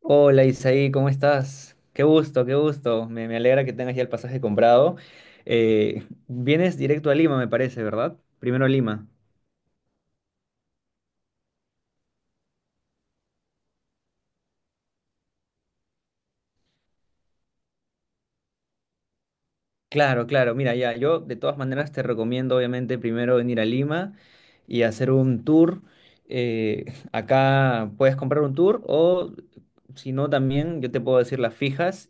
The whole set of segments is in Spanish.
Hola Isaí, ¿cómo estás? Qué gusto, qué gusto. Me alegra que tengas ya el pasaje comprado. Vienes directo a Lima, me parece, ¿verdad? Primero a Lima. Claro, claro. Mira, ya, yo de todas maneras te recomiendo, obviamente, primero venir a Lima y hacer un tour. Eh, Acá puedes comprar un tour o, si no, también yo te puedo decir las fijas.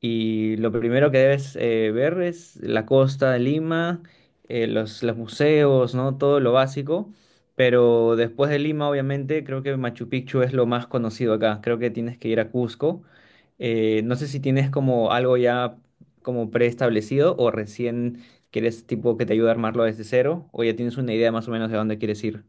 Y lo primero que debes ver es la costa de Lima, los museos, ¿no? Todo lo básico. Pero después de Lima, obviamente, creo que Machu Picchu es lo más conocido acá. Creo que tienes que ir a Cusco. No sé si tienes como algo ya como preestablecido o recién quieres tipo que te ayude a armarlo desde cero, o ya tienes una idea más o menos de dónde quieres ir.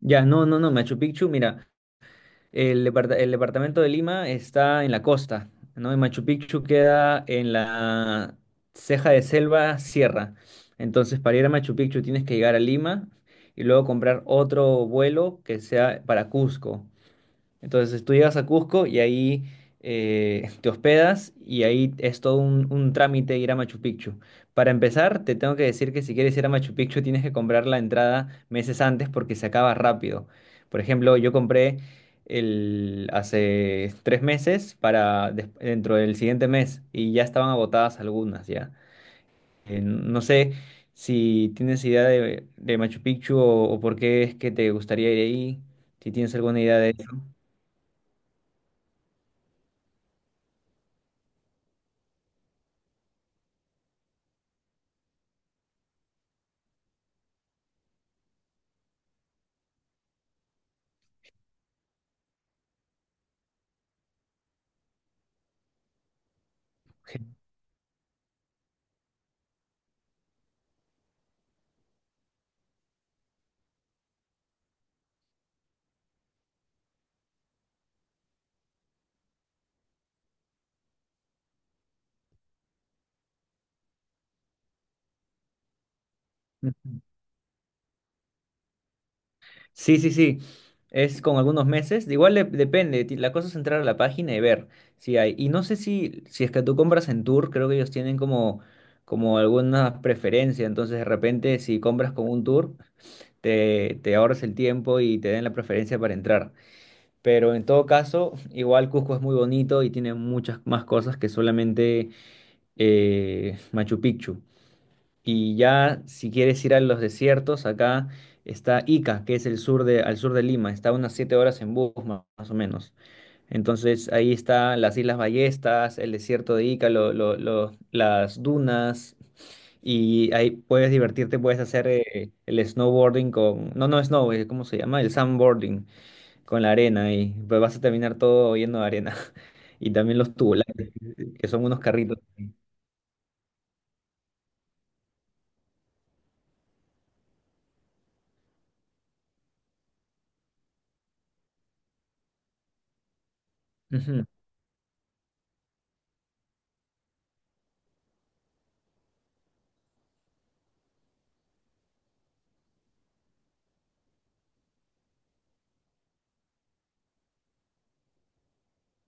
Ya, no, no, no, Machu Picchu, mira. El departamento de Lima está en la costa, ¿no? Y Machu Picchu queda en la ceja de selva sierra. Entonces, para ir a Machu Picchu tienes que llegar a Lima y luego comprar otro vuelo que sea para Cusco. Entonces tú llegas a Cusco y ahí te hospedas y ahí es todo un trámite ir a Machu Picchu. Para empezar, te tengo que decir que si quieres ir a Machu Picchu tienes que comprar la entrada meses antes porque se acaba rápido. Por ejemplo, yo compré hace tres meses para dentro del siguiente mes, y ya estaban agotadas algunas ya. No sé si tienes idea de Machu Picchu o por qué es que te gustaría ir ahí, si tienes alguna idea de eso. Ujú. Sí, sí, sí. Es con algunos meses. De Igual depende. La cosa es entrar a la página y ver si hay. Y no sé si, si es que tú compras en tour, creo que ellos tienen como, como alguna preferencia. Entonces, de repente, si compras con un tour, te ahorras el tiempo y te den la preferencia para entrar. Pero en todo caso, igual Cusco es muy bonito y tiene muchas más cosas que solamente Machu Picchu. Y ya, si quieres ir a los desiertos, acá está Ica, que es el sur de, al sur de Lima. Está unas 7 horas en bus, más o menos. Entonces, ahí están las Islas Ballestas, el desierto de Ica, las dunas. Y ahí puedes divertirte, puedes hacer el snowboarding con... No, no, snow, ¿cómo se llama? El sandboarding con la arena. Y pues vas a terminar todo lleno de arena. Y también los tubulares, que son unos carritos. Ujú.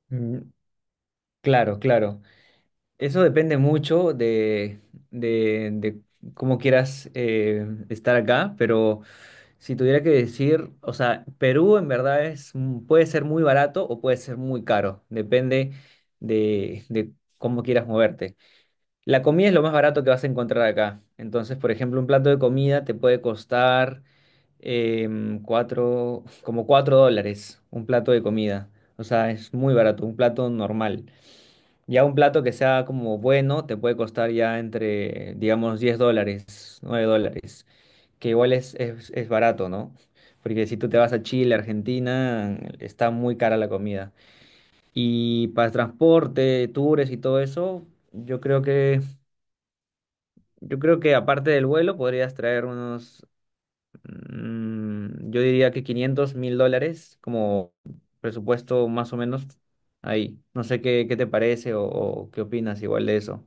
Mm. Claro, claro. Eso depende mucho de cómo quieras estar acá, pero si tuviera que decir, o sea, Perú en verdad es, mm, puede ser muy barato o puede ser muy caro, depende de cómo quieras moverte. La comida es lo más barato que vas a encontrar acá. Entonces, por ejemplo, un plato de comida te puede costar 4, como 4 dólares, un plato de comida. O sea, es muy barato, un plato normal. Ya un plato que sea como bueno te puede costar ya entre, digamos, 10 dólares, 9 dólares, que igual es barato, ¿no? Porque si tú te vas a Chile, Argentina, está muy cara la comida. Y para transporte, tours y todo eso, yo creo que, yo creo que aparte del vuelo podrías traer unos, mm, yo diría que 500.000 dólares como presupuesto más o menos ahí. No sé qué, qué te parece o qué opinas igual de eso.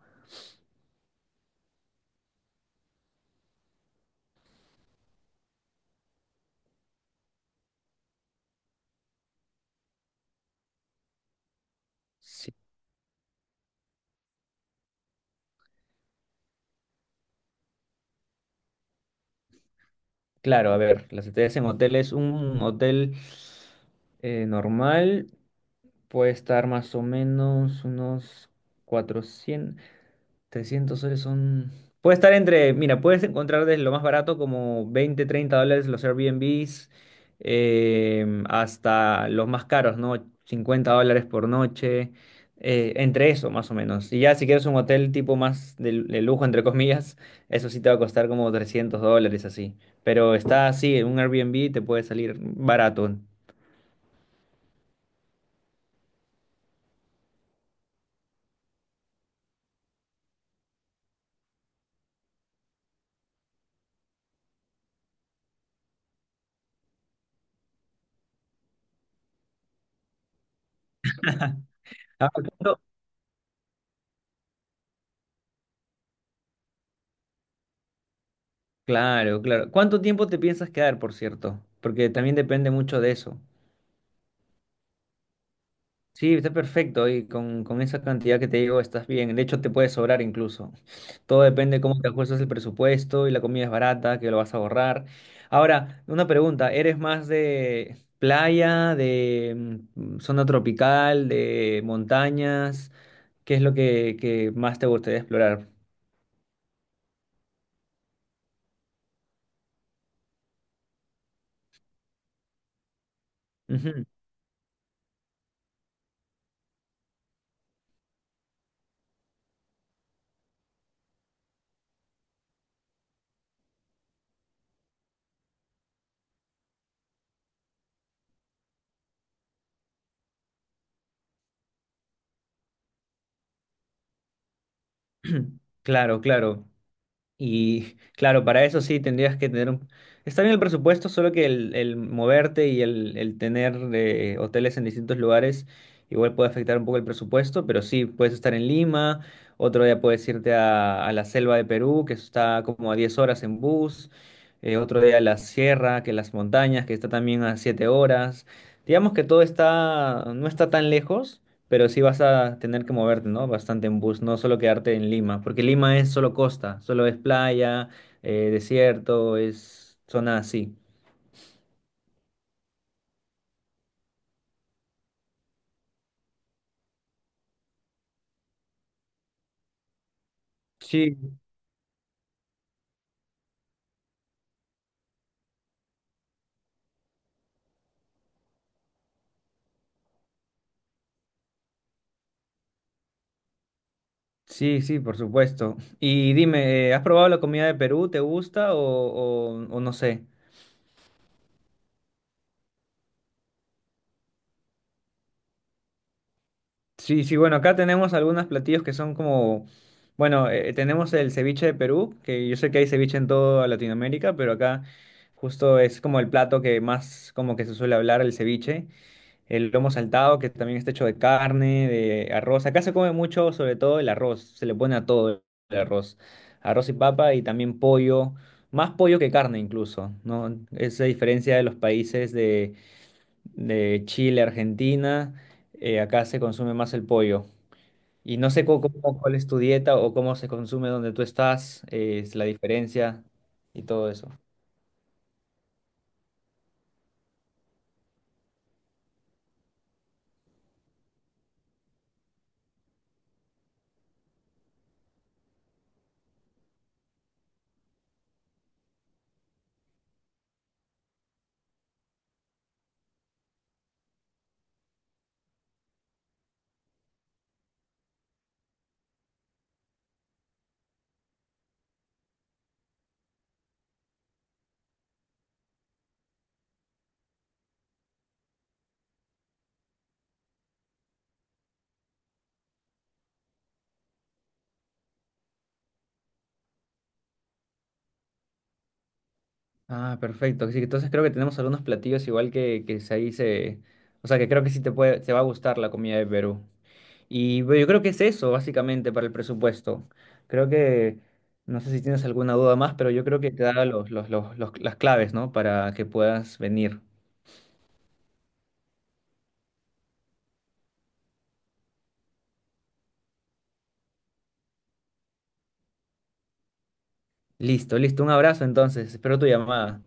Claro, a ver, las estrellas en hotel es un hotel normal, puede estar más o menos unos 400. 300 soles son... Puede estar entre, mira, puedes encontrar desde lo más barato como 20, 30 dólares los Airbnbs, hasta los más caros, ¿no? 50 dólares por noche, entre eso más o menos. Y ya si quieres un hotel tipo más de lujo, entre comillas, eso sí te va a costar como 300 dólares así. Pero está así, un Airbnb te puede salir barato. Ah, ¿cuánto? Claro, claro. ¿Cuánto tiempo te piensas quedar, por cierto? Porque también depende mucho de eso. Sí, está perfecto y con esa cantidad que te digo estás bien. De hecho, te puede sobrar incluso. Todo depende de cómo te ajustas el presupuesto, y la comida es barata, que lo vas a ahorrar. Ahora, una pregunta, ¿eres más de playa, de mm, zona tropical, de montañas? ¿Qué es lo que más te gustaría explorar? Ujú. Claro, claro. Y claro, para eso sí tendrías que tener un... Está bien el presupuesto, solo que el moverte y el tener hoteles en distintos lugares igual puede afectar un poco el presupuesto, pero sí, puedes estar en Lima, otro día puedes irte a la selva de Perú, que está como a 10 horas en bus, otro día a la sierra, que las montañas, que está también a 7 horas. Digamos que todo está, no está tan lejos, pero sí vas a tener que moverte, ¿no? Bastante en bus, no solo quedarte en Lima, porque Lima es solo costa, solo es playa, desierto, es zona así. Sí, sí, sí, por supuesto. Y dime, ¿has probado la comida de Perú? ¿Te gusta o, o no sé? Sí, sí, bueno, acá tenemos algunos platillos que son como, bueno, tenemos el ceviche de Perú, que yo sé que hay ceviche en toda Latinoamérica, pero acá justo es como el plato que más como que se suele hablar, el ceviche. El lomo saltado, que también está hecho de carne, de arroz. Acá se come mucho, sobre todo el arroz. Se le pone a todo el arroz. Arroz y papa y también pollo. Más pollo que carne incluso, ¿no? Esa diferencia de los países de Chile, Argentina. Eh, acá se consume más el pollo. Y no sé cómo, cuál es tu dieta o cómo se consume donde tú estás, es la diferencia y todo eso. Ah, perfecto. Sí, entonces creo que tenemos algunos platillos igual que ahí se... O sea, que creo que sí te puede, te va a gustar la comida de Perú. Y bueno, yo creo que es eso, básicamente, para el presupuesto. Creo que, no sé si tienes alguna duda más, pero yo creo que te da las claves, ¿no? Para que puedas venir. Listo, listo. Un abrazo entonces. Espero tu llamada.